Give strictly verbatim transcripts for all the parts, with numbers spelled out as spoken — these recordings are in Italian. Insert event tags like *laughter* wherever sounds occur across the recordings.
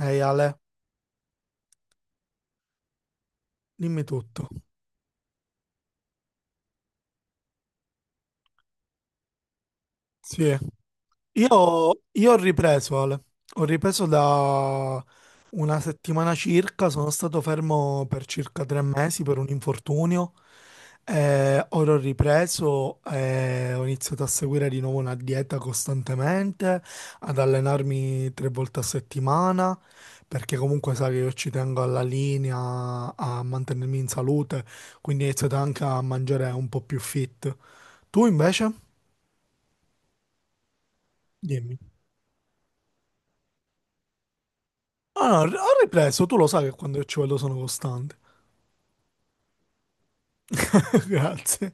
Ehi Ale, dimmi tutto. Sì. eh. Io, io ho ripreso, Ale. Ho ripreso da una settimana circa, sono stato fermo per circa tre mesi per un infortunio. Eh, ora ho ripreso, eh, ho iniziato a seguire di nuovo una dieta costantemente, ad allenarmi tre volte a settimana, perché comunque sai che io ci tengo alla linea, a mantenermi in salute, quindi ho iniziato anche a mangiare un po' più fit. Tu invece? Dimmi. Ah, no, ho ripreso, tu lo sai che quando io ci vado sono costante. *laughs* Grazie.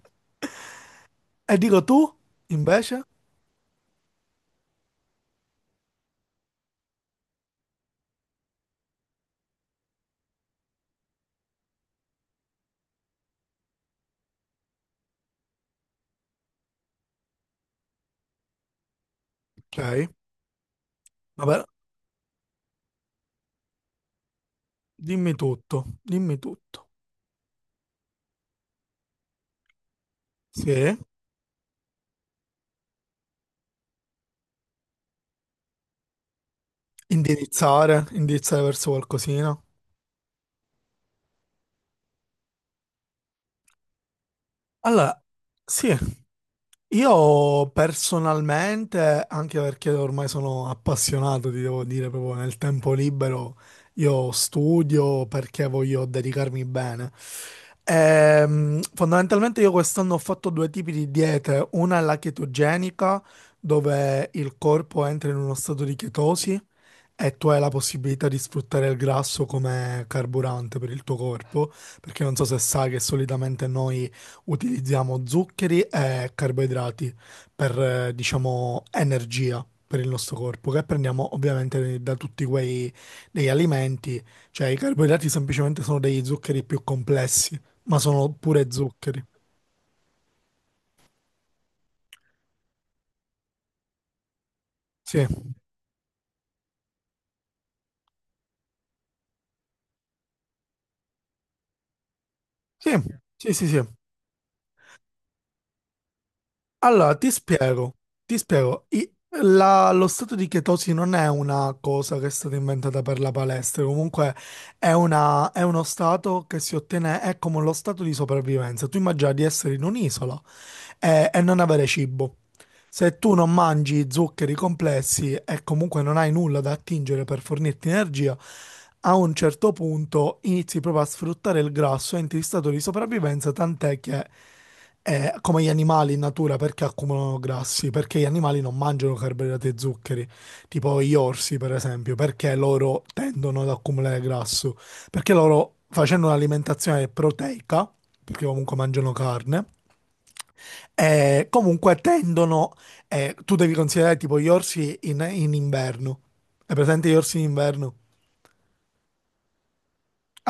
E dico tu, invece? Ok, vabbè, dimmi tutto, dimmi tutto. Sì, indirizzare, indirizzare verso qualcosina. Allora, sì, io personalmente, anche perché ormai sono appassionato, ti devo dire, proprio nel tempo libero, io studio perché voglio dedicarmi bene. Ehm, fondamentalmente io quest'anno ho fatto due tipi di diete, una è la chetogenica, dove il corpo entra in uno stato di chetosi e tu hai la possibilità di sfruttare il grasso come carburante per il tuo corpo, perché non so se sai che solitamente noi utilizziamo zuccheri e carboidrati per, eh, diciamo, energia per il nostro corpo, che prendiamo ovviamente da tutti quei degli alimenti, cioè i carboidrati semplicemente sono degli zuccheri più complessi, ma sono pure zuccheri. Sì, sì, sì, sì, sì. Allora, ti spiego, ti spiego. I- la- lo stato di chetosi non è una cosa che è stata inventata per la palestra, comunque è, una- è uno stato che si ottiene, è come lo stato di sopravvivenza. Tu immagini di essere in un'isola, è, è non avere cibo. Se tu non mangi zuccheri complessi e comunque non hai nulla da attingere per fornirti energia, a un certo punto inizi proprio a sfruttare il grasso, e entri in stato di sopravvivenza, tant'è che è come gli animali in natura perché accumulano grassi, perché gli animali non mangiano carboidrati e zuccheri, tipo gli orsi per esempio, perché loro tendono ad accumulare grasso, perché loro facendo un'alimentazione proteica, perché comunque mangiano carne, eh, comunque tendono, eh, tu devi considerare tipo gli orsi in, in inverno. Hai presente gli orsi in inverno?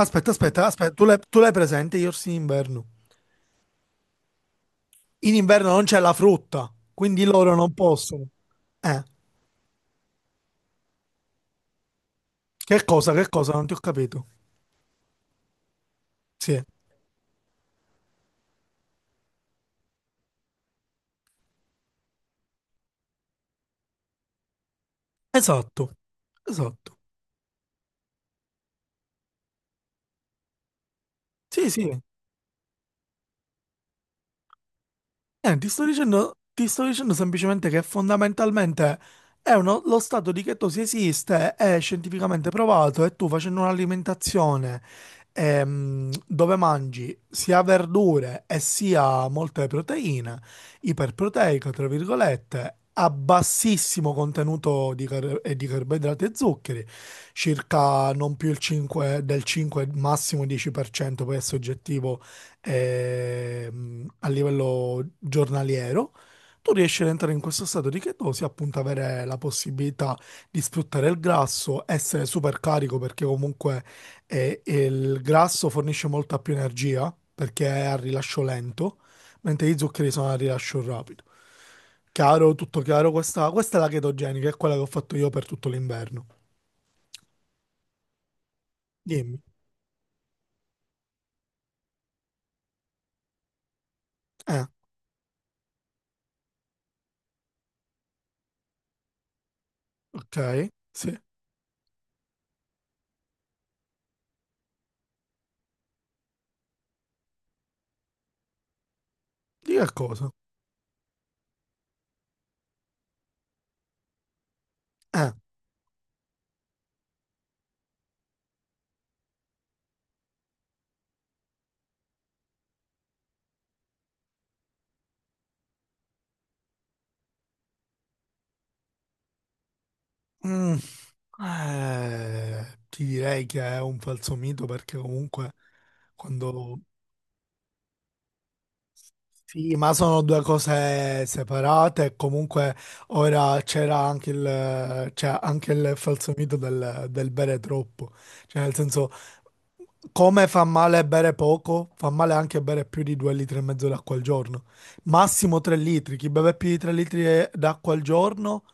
Aspetta, aspetta, aspetta, tu l'hai tu l'hai presente gli orsi in inverno? In inverno non c'è la frutta, quindi loro non possono. Eh, che cosa, che cosa, non ti ho capito. Sì, esatto, esatto. Sì, sì. Eh, ti sto dicendo, ti sto dicendo semplicemente che fondamentalmente è uno- lo stato di chetosi esiste, è scientificamente provato e tu facendo un'alimentazione ehm, dove mangi sia verdure e sia molte proteine, iperproteica, tra virgolette, a bassissimo contenuto di, car- e di carboidrati e zuccheri, circa non più il cinque, del cinque, massimo dieci per cento, poi è soggettivo ehm, a livello giornaliero, tu riesci ad entrare in questo stato di chetosi, appunto avere la possibilità di sfruttare il grasso, essere super carico perché comunque eh, il grasso fornisce molta più energia perché è a rilascio lento, mentre gli zuccheri sono a rilascio rapido. Chiaro, tutto chiaro, questa, questa è la chetogenica, è quella che ho fatto io per tutto l'inverno. Dimmi. Eh, ok, sì. Di che cosa? Eh. Mm. Eh, ti direi che è un falso mito perché comunque quando. Sì, ma sono due cose separate e comunque ora c'era anche il, c'è anche il falso mito del, del bere troppo. Cioè, nel senso, come fa male bere poco, fa male anche bere più di due litri e mezzo d'acqua al giorno. Massimo tre litri. Chi beve più di tre litri d'acqua al giorno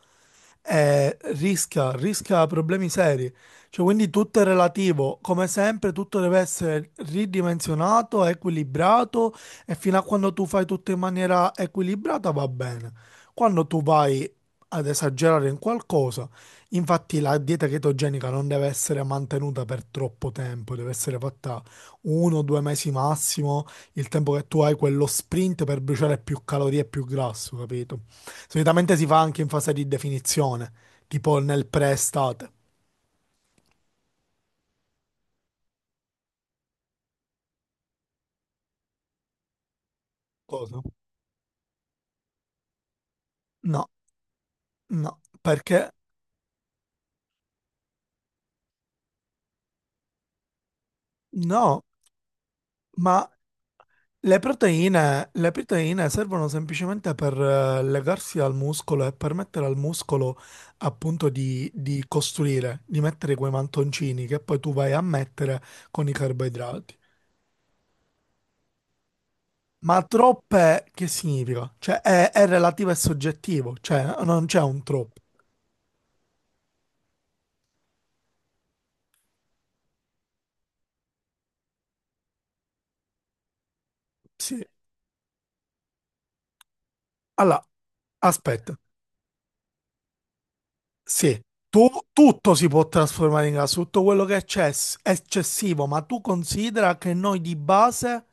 eh, rischia, rischia problemi seri. Cioè, quindi tutto è relativo, come sempre tutto deve essere ridimensionato, equilibrato e fino a quando tu fai tutto in maniera equilibrata va bene. Quando tu vai ad esagerare in qualcosa, infatti la dieta chetogenica non deve essere mantenuta per troppo tempo, deve essere fatta uno o due mesi massimo, il tempo che tu hai quello sprint per bruciare più calorie e più grasso, capito? Solitamente si fa anche in fase di definizione, tipo nel pre-estate. Cosa? No, no, perché no, ma le proteine, le proteine servono semplicemente per eh, legarsi al muscolo e permettere al muscolo appunto di, di costruire, di mettere quei mantoncini che poi tu vai a mettere con i carboidrati. Ma troppe che significa? Cioè è, è relativo e soggettivo, cioè non c'è un troppo. Sì. Allora, aspetta, sì, tu- tutto si può trasformare in gas, tutto quello che è ecces- eccessivo, ma tu considera che noi di base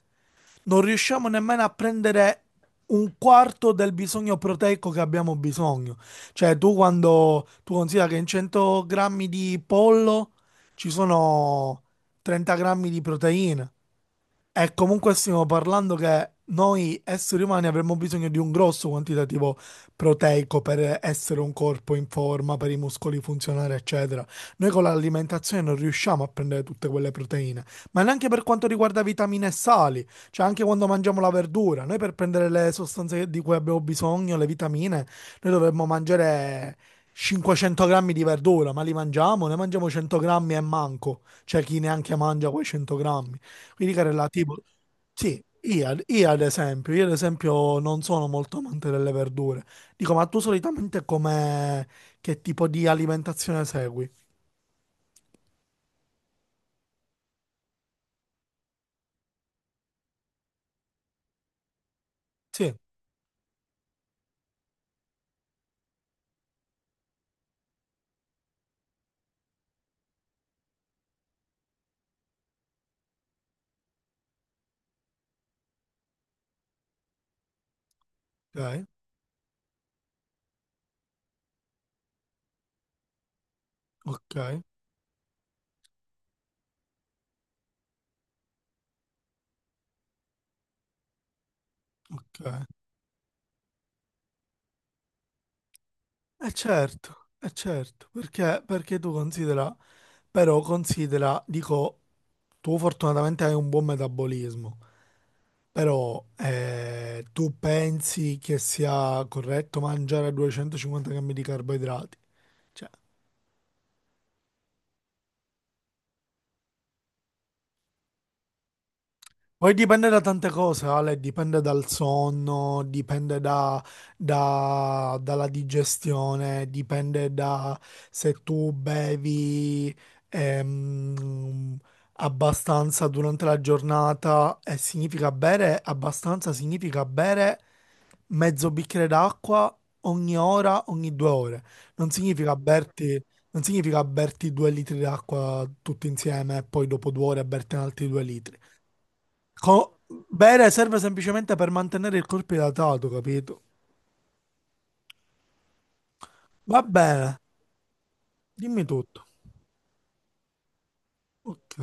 non riusciamo nemmeno a prendere un quarto del bisogno proteico che abbiamo bisogno. Cioè, tu quando tu considera che in cento grammi di pollo ci sono trenta grammi di proteine, e comunque stiamo parlando che noi esseri umani avremmo bisogno di un grosso quantitativo proteico per essere un corpo in forma, per i muscoli funzionare, eccetera. Noi con l'alimentazione non riusciamo a prendere tutte quelle proteine, ma neanche per quanto riguarda vitamine e sali, cioè anche quando mangiamo la verdura, noi per prendere le sostanze di cui abbiamo bisogno, le vitamine, noi dovremmo mangiare cinquecento grammi di verdura, ma li mangiamo? Ne mangiamo cento grammi e manco, c'è chi neanche mangia quei cento grammi. Quindi cara, la tipo. Sì, io, ad io ad esempio, io ad esempio non sono molto amante delle verdure. Dico, ma tu solitamente come... che tipo di alimentazione segui? Sì, ok, ok, ok. Eh certo, eh certo, perché, perché tu considera, però considera, dico, tu fortunatamente hai un buon metabolismo, però eh, tu pensi che sia corretto mangiare duecentocinquanta grammi di carboidrati? Cioè, poi dipende da tante cose, Ale, dipende dal sonno, dipende da- da- dalla digestione, dipende da se tu bevi ehm, abbastanza durante la giornata e significa bere abbastanza, significa bere mezzo bicchiere d'acqua ogni ora, ogni due ore. Non significa berti, non significa berti due litri d'acqua tutti insieme e poi dopo due ore berti altri due litri. Co- Bere serve semplicemente per mantenere il corpo idratato, capito? Va bene, dimmi tutto. Ok.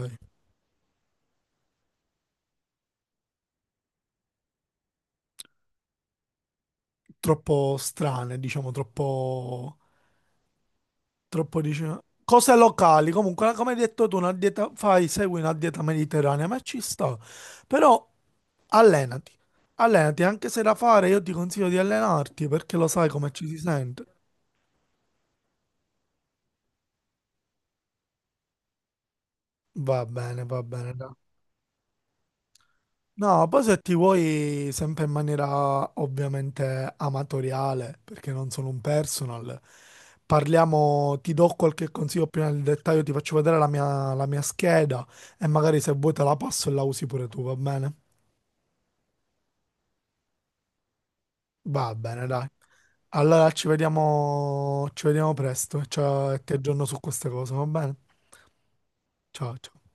Troppo strane, diciamo, troppo... troppo, diciamo. Cose locali, comunque, come hai detto tu, una dieta, fai, segui una dieta mediterranea, ma ci sta. Però allenati, allenati, anche se da fare io ti consiglio di allenarti, perché lo sai come ci si sente. Va bene, va bene, dai. No, poi se ti vuoi, sempre in maniera ovviamente amatoriale, perché non sono un personal, parliamo, ti do qualche consiglio più nel dettaglio, ti faccio vedere la mia, la mia scheda e magari se vuoi te la passo e la usi pure tu, va bene? Va bene, dai. Allora ci vediamo, ci vediamo presto, ciao, e ti aggiorno su queste cose, va bene? Ciao, ciao.